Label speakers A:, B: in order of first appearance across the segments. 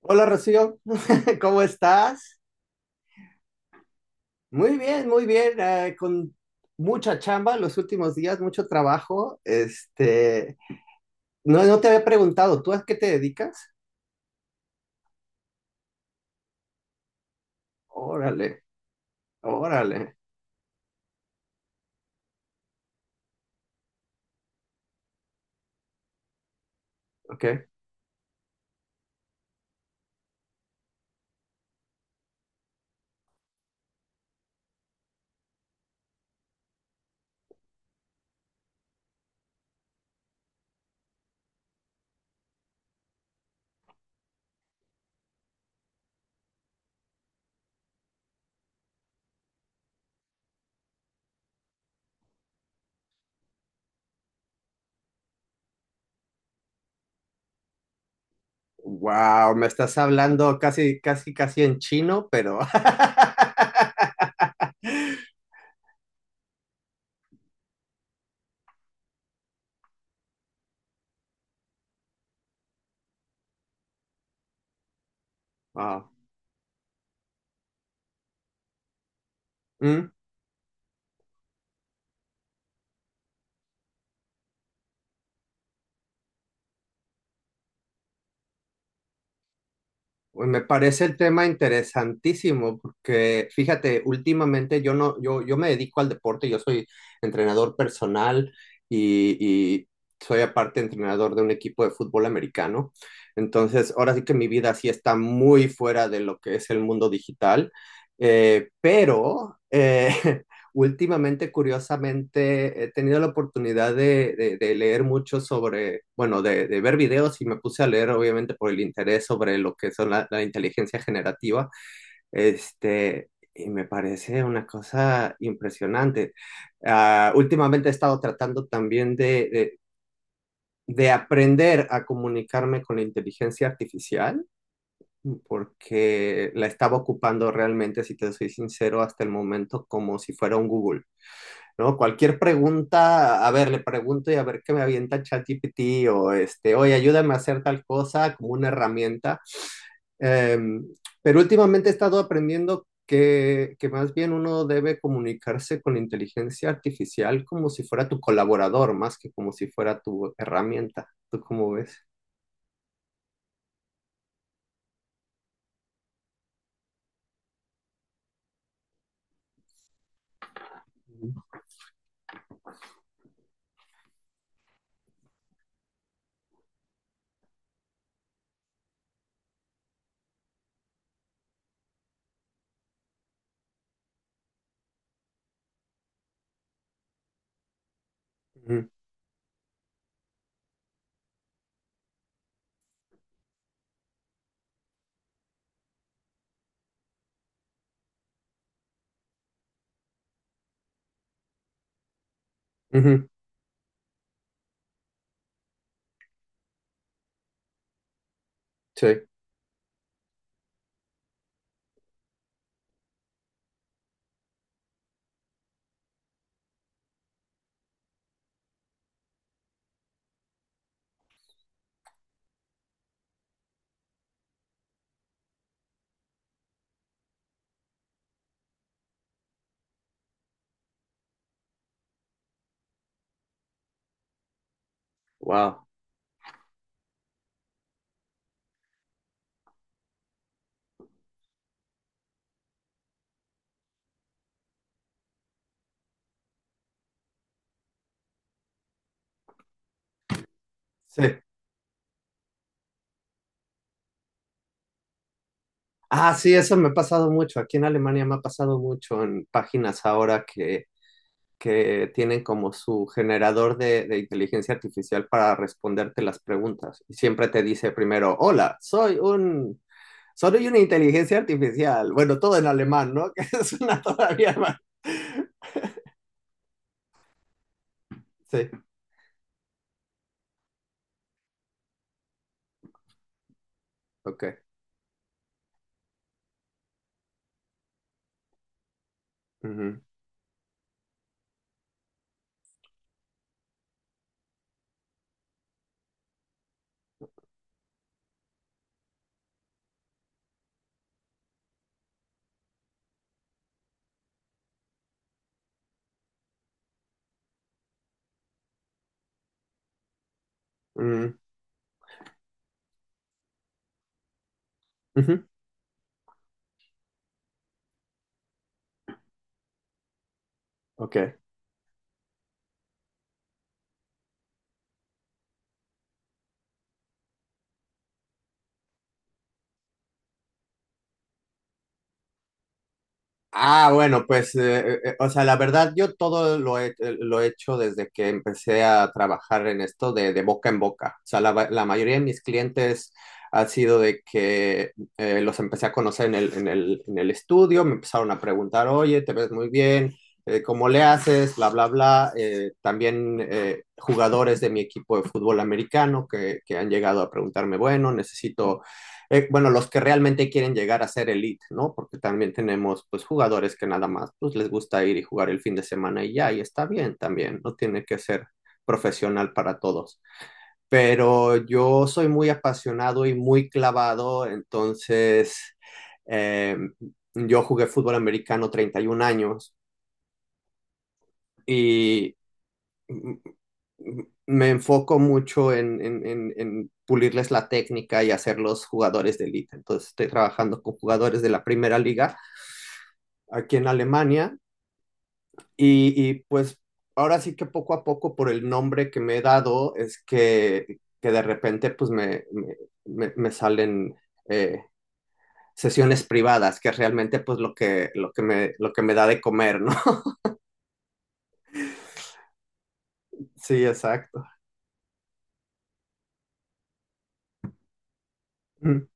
A: Hola Rocío, ¿cómo estás? Muy bien, con mucha chamba los últimos días, mucho trabajo. No te había preguntado, ¿tú a qué te dedicas? Órale, órale, ok. Wow, me estás hablando casi, casi, casi en chino, pero. Wow. Pues me parece el tema interesantísimo porque fíjate, últimamente yo no, yo me dedico al deporte, yo soy entrenador personal y soy aparte entrenador de un equipo de fútbol americano. Entonces, ahora sí que mi vida sí está muy fuera de lo que es el mundo digital, eh, pero eh, Últimamente, curiosamente, he tenido la oportunidad de leer mucho sobre, bueno, de ver videos y me puse a leer, obviamente, por el interés sobre lo que son la inteligencia generativa. Y me parece una cosa impresionante. Ah, últimamente he estado tratando también de aprender a comunicarme con la inteligencia artificial, porque la estaba ocupando realmente, si te soy sincero, hasta el momento como si fuera un Google. ¿No? Cualquier pregunta, a ver, le pregunto y a ver qué me avienta ChatGPT o este, oye, ayúdame a hacer tal cosa como una herramienta. Eh, pero últimamente he estado aprendiendo que más bien uno debe comunicarse con la inteligencia artificial como si fuera tu colaborador, más que como si fuera tu herramienta. ¿Tú cómo ves? Ujú, ujú, sí, wow. Sí. Ah, sí, eso me ha pasado mucho. Aquí en Alemania me ha pasado mucho en páginas ahora que tienen como su generador de inteligencia artificial para responderte las preguntas. Y siempre te dice primero, hola, soy una inteligencia artificial. Bueno, todo en alemán, ¿no? Que es una todavía más. Sí, ok. Ujú, ujú, ujú, ok. Ah, bueno, pues, o sea, la verdad, yo todo lo he hecho desde que empecé a trabajar en esto de boca en boca. O sea, la mayoría de mis clientes ha sido de que los empecé a conocer en en el estudio, me empezaron a preguntar, oye, te ves muy bien, ¿cómo le haces? Bla, bla, bla. También jugadores de mi equipo de fútbol americano que han llegado a preguntarme, bueno, necesito bueno, los que realmente quieren llegar a ser elite, ¿no? Porque también tenemos, pues, jugadores que nada más, pues, les gusta ir y jugar el fin de semana y ya, y está bien también, no tiene que ser profesional para todos. Pero yo soy muy apasionado y muy clavado, entonces, eh, yo jugué fútbol americano 31 años y mm, me enfoco mucho en pulirles la técnica y hacerlos jugadores de élite. Entonces estoy trabajando con jugadores de la primera liga aquí en Alemania pues ahora sí que poco a poco por el nombre que me he dado es que de repente pues salen eh, sesiones privadas, que es realmente pues lo que, lo que me da de comer, ¿no? Sí, exacto. Ujú,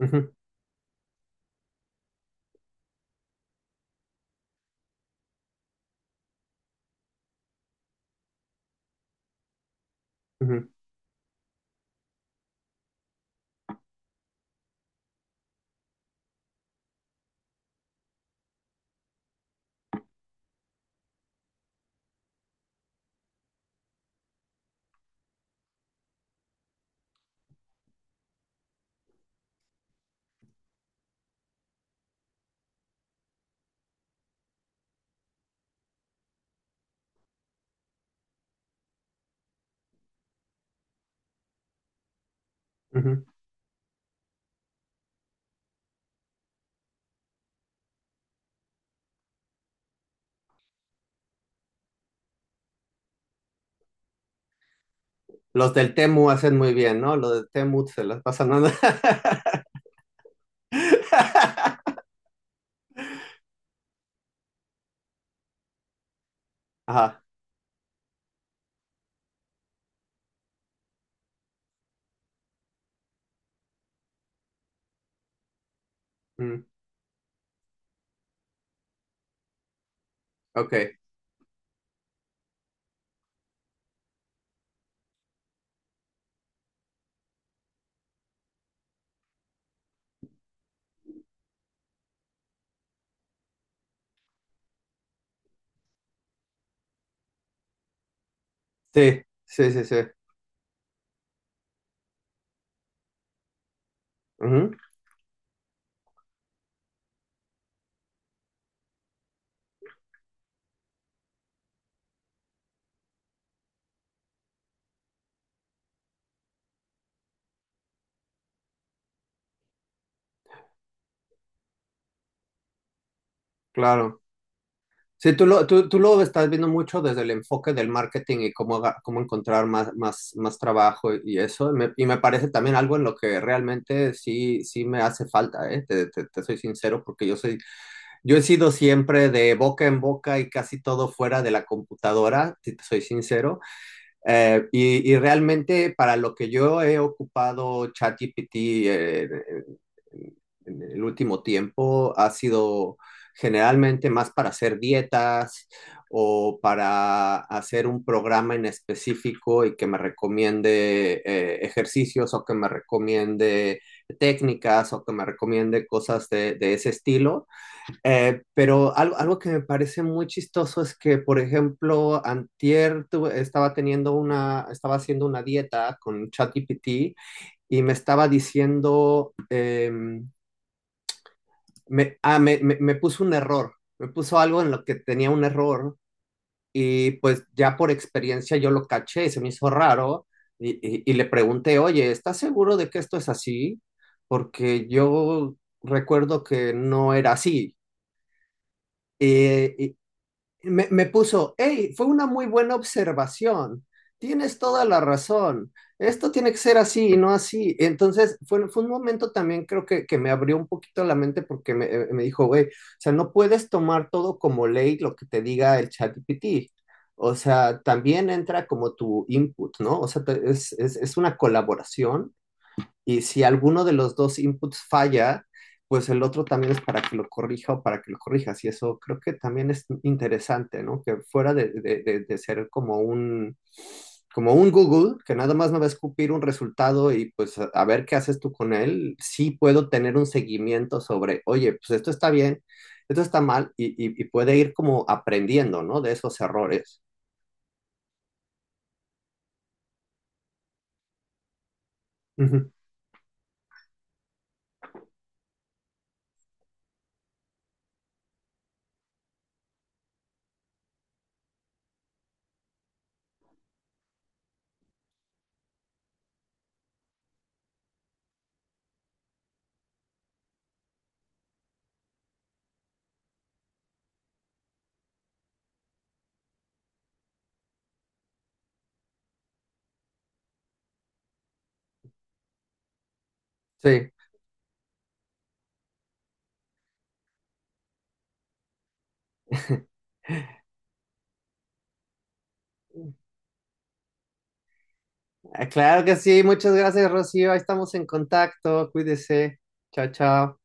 A: ujú, ujú, ujú. Los del Temu hacen muy bien, ¿no? Los del Temu se las pasan nada. Ajá. Mm, ok. Sí, sí, sí, sí. Ujú, claro. Sí, tú lo estás viendo mucho desde el enfoque del marketing y cómo, aga- cómo encontrar más, más, más trabajo y eso. Me- y me parece también algo en lo que realmente sí, sí me hace falta, ¿eh? Te soy sincero, porque yo soy, yo he sido siempre de boca en boca y casi todo fuera de la computadora, si te soy sincero. Y realmente para lo que yo he ocupado ChatGPT en el último tiempo ha sido generalmente más para hacer dietas o para hacer un programa en específico y que me recomiende ejercicios o que me recomiende técnicas o que me recomiende cosas de ese estilo. Pero algo que me parece muy chistoso es que, por ejemplo, antier estaba teniendo una, estaba haciendo una dieta con ChatGPT y me estaba diciendo me puso un error, me puso algo en lo que tenía un error y pues ya por experiencia yo lo caché y se me hizo raro y le pregunté, oye, ¿estás seguro de que esto es así? Porque yo recuerdo que no era así. Eh, y, me puso, hey, fue una muy buena observación. Tienes toda la razón. Esto tiene que ser así y no así. Entonces, fue un momento también creo que me abrió un poquito la mente porque me dijo, güey, o sea, no puedes tomar todo como ley lo que te diga el chat GPT. O sea, también entra como tu input, ¿no? O sea, es una colaboración y si alguno de los dos inputs falla, pues el otro también es para que lo corrija o para que lo corrijas. Y eso creo que también es interesante, ¿no? Que fuera de ser como un Google, que nada más me va a escupir un resultado y pues a ver qué haces tú con él, sí puedo tener un seguimiento sobre, oye, pues esto está bien, esto está mal y puede ir como aprendiendo, ¿no? De esos errores. Uh -huh. Sí. Ah, claro que sí, muchas gracias, Rocío. Ahí estamos en contacto. Cuídese. Chao, chao.